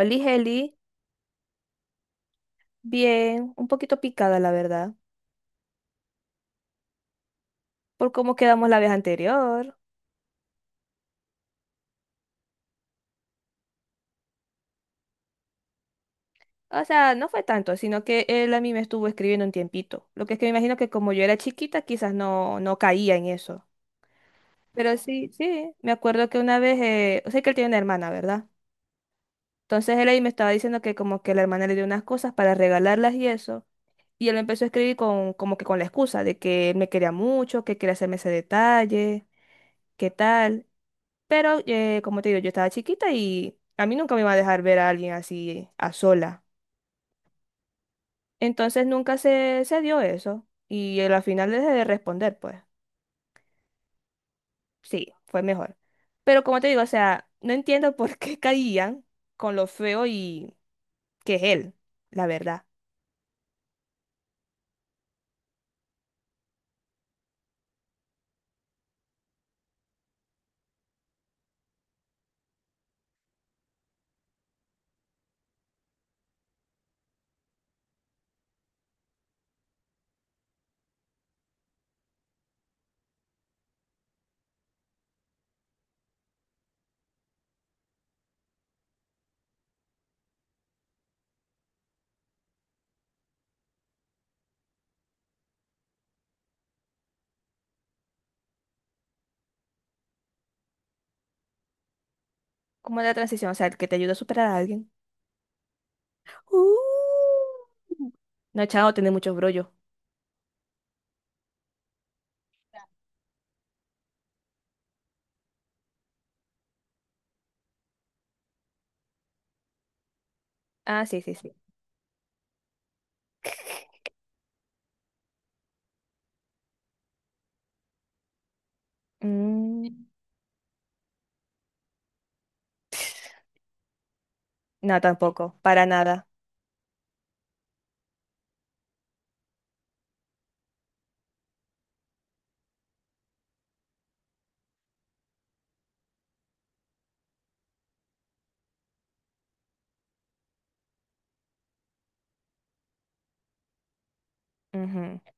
Oli Heli, bien, un poquito picada la verdad, por cómo quedamos la vez anterior. O sea, no fue tanto, sino que él a mí me estuvo escribiendo un tiempito. Lo que es que me imagino que como yo era chiquita, quizás no, no caía en eso. Pero sí, sí, me acuerdo que una vez, o sea que él tiene una hermana, ¿verdad? Entonces él ahí me estaba diciendo que como que la hermana le dio unas cosas para regalarlas y eso. Y él me empezó a escribir con, como que con la excusa de que él me quería mucho, que quería hacerme ese detalle, qué tal. Pero, como te digo, yo estaba chiquita y a mí nunca me iba a dejar ver a alguien así a sola. Entonces nunca se dio eso. Y él al final dejé de responder, pues. Sí, fue mejor. Pero como te digo, o sea, no entiendo por qué caían con lo feo y que es él, la verdad. Como la transición, o sea, el que te ayuda a superar a alguien. Uh. No, chao, tiene muchos brollos. Ah, sí, sí, sí. Mm. No, tampoco, para nada. Ujú. O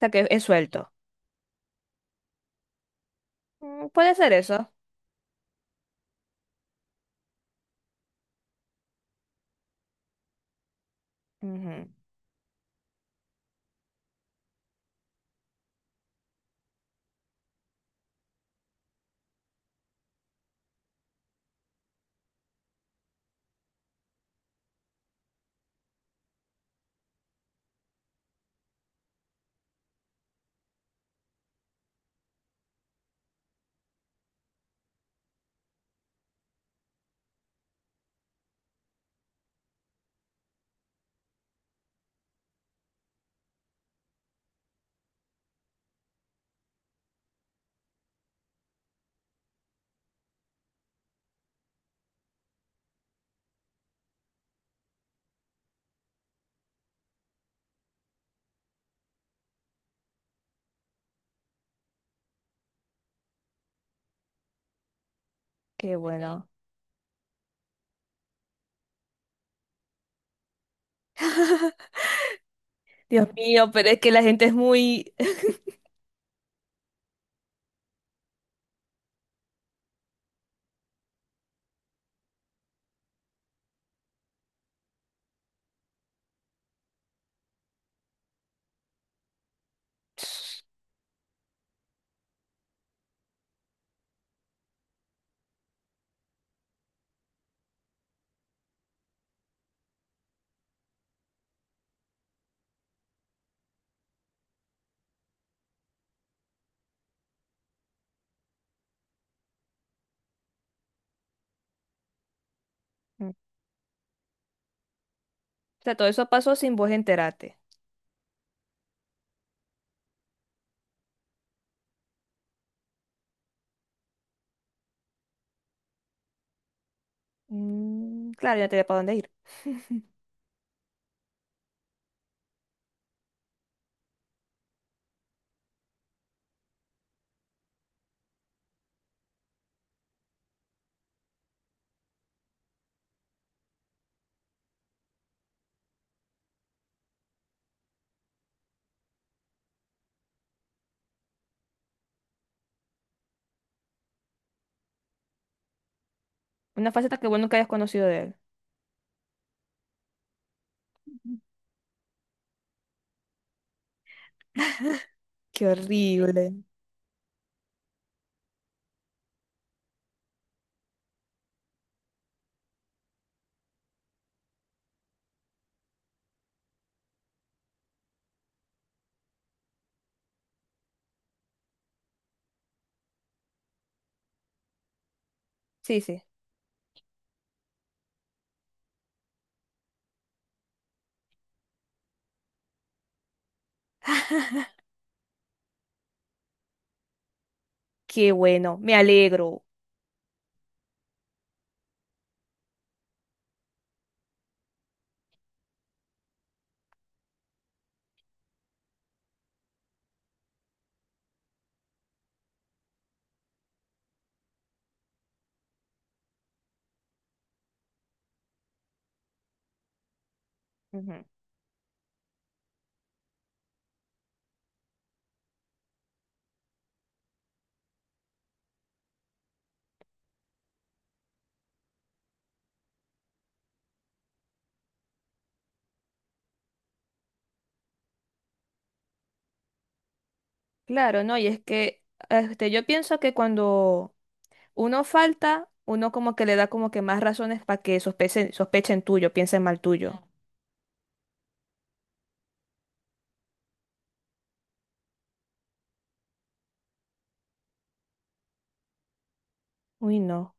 sea, que es suelto. Mm, puede ser eso. Ujú. Qué bueno. Dios mío, pero es que la gente es muy... Mm. O sea, todo eso pasó sin vos enterarte. Mm, claro, ya te da para dónde ir. Una faceta que vos nunca hayas conocido de él. Qué horrible. Sí, sí. Qué bueno. Me alegro. Ujú. Claro, ¿no? Y es que yo pienso que cuando uno falta, uno como que le da como que más razones para que sospechen, sospechen tuyo, piensen mal tuyo. Uy, no.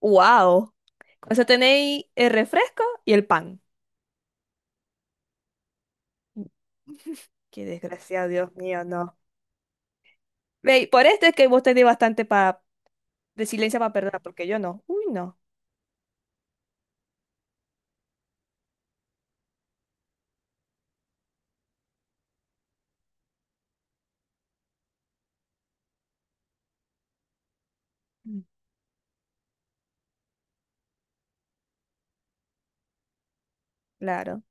Wow. Con eso tenéis el refresco y el pan. Qué desgraciado, Dios mío, no. Ve, por esto es que vos tenés bastante resiliencia para perdonar, porque yo no. Uy, no. Mm. Claro.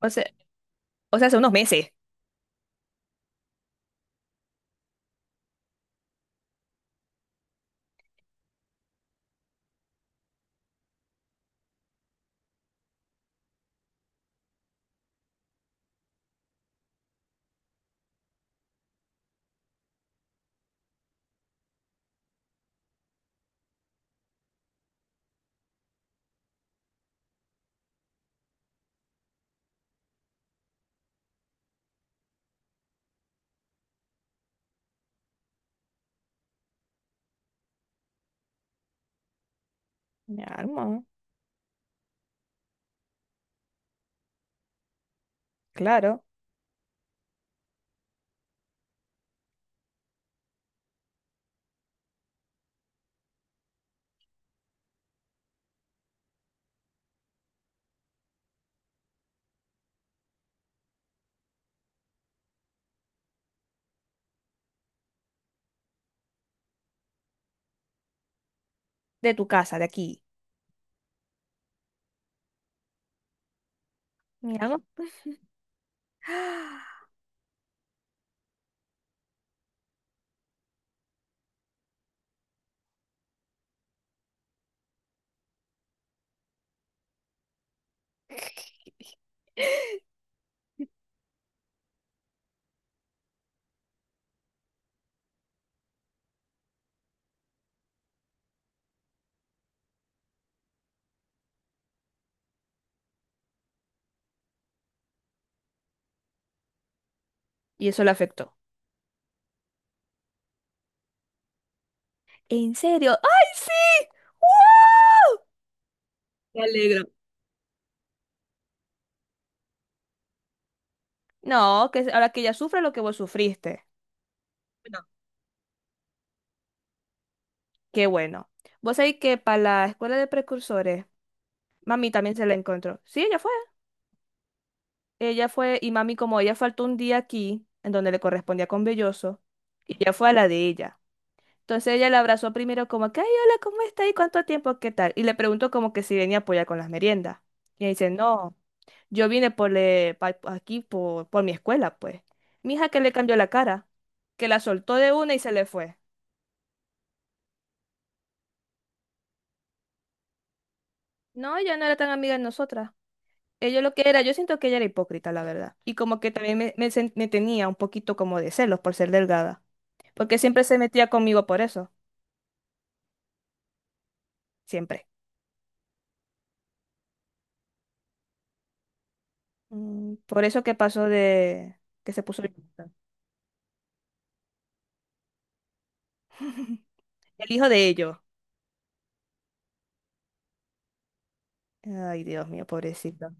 O sea, o sea, hace unos meses. Mi alma, claro. De tu casa, de aquí. Mi alma. Ah, y eso le afectó. ¿En serio? ¡Ay, sí! ¡Wow! Me alegro. No, que ahora que ella sufre lo que vos sufriste. Bueno. Qué bueno. Vos sabéis que para la escuela de precursores mami también se la encontró. Sí, ella fue. Ella fue, y mami, como ella faltó un día aquí, en donde le correspondía con Belloso, ella fue a la de ella. Entonces ella la abrazó primero como que, ay, hola, ¿cómo está? ¿Y cuánto tiempo? ¿Qué tal? Y le preguntó como que si venía a apoyar con las meriendas. Y ella dice, no, yo vine aquí por mi escuela, pues. Mi hija que le cambió la cara, que la soltó de una y se le fue. No, ella no era tan amiga de nosotras. Ella lo que era, yo siento que ella era hipócrita, la verdad. Y como que también me tenía un poquito como de celos por ser delgada. Porque siempre se metía conmigo por eso, siempre. Mm, por eso que pasó de que se puso violenta. El hijo de ellos. Ay, Dios mío, pobrecito.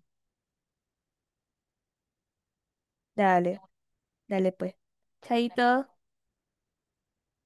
Dale, dale pues. Chaito.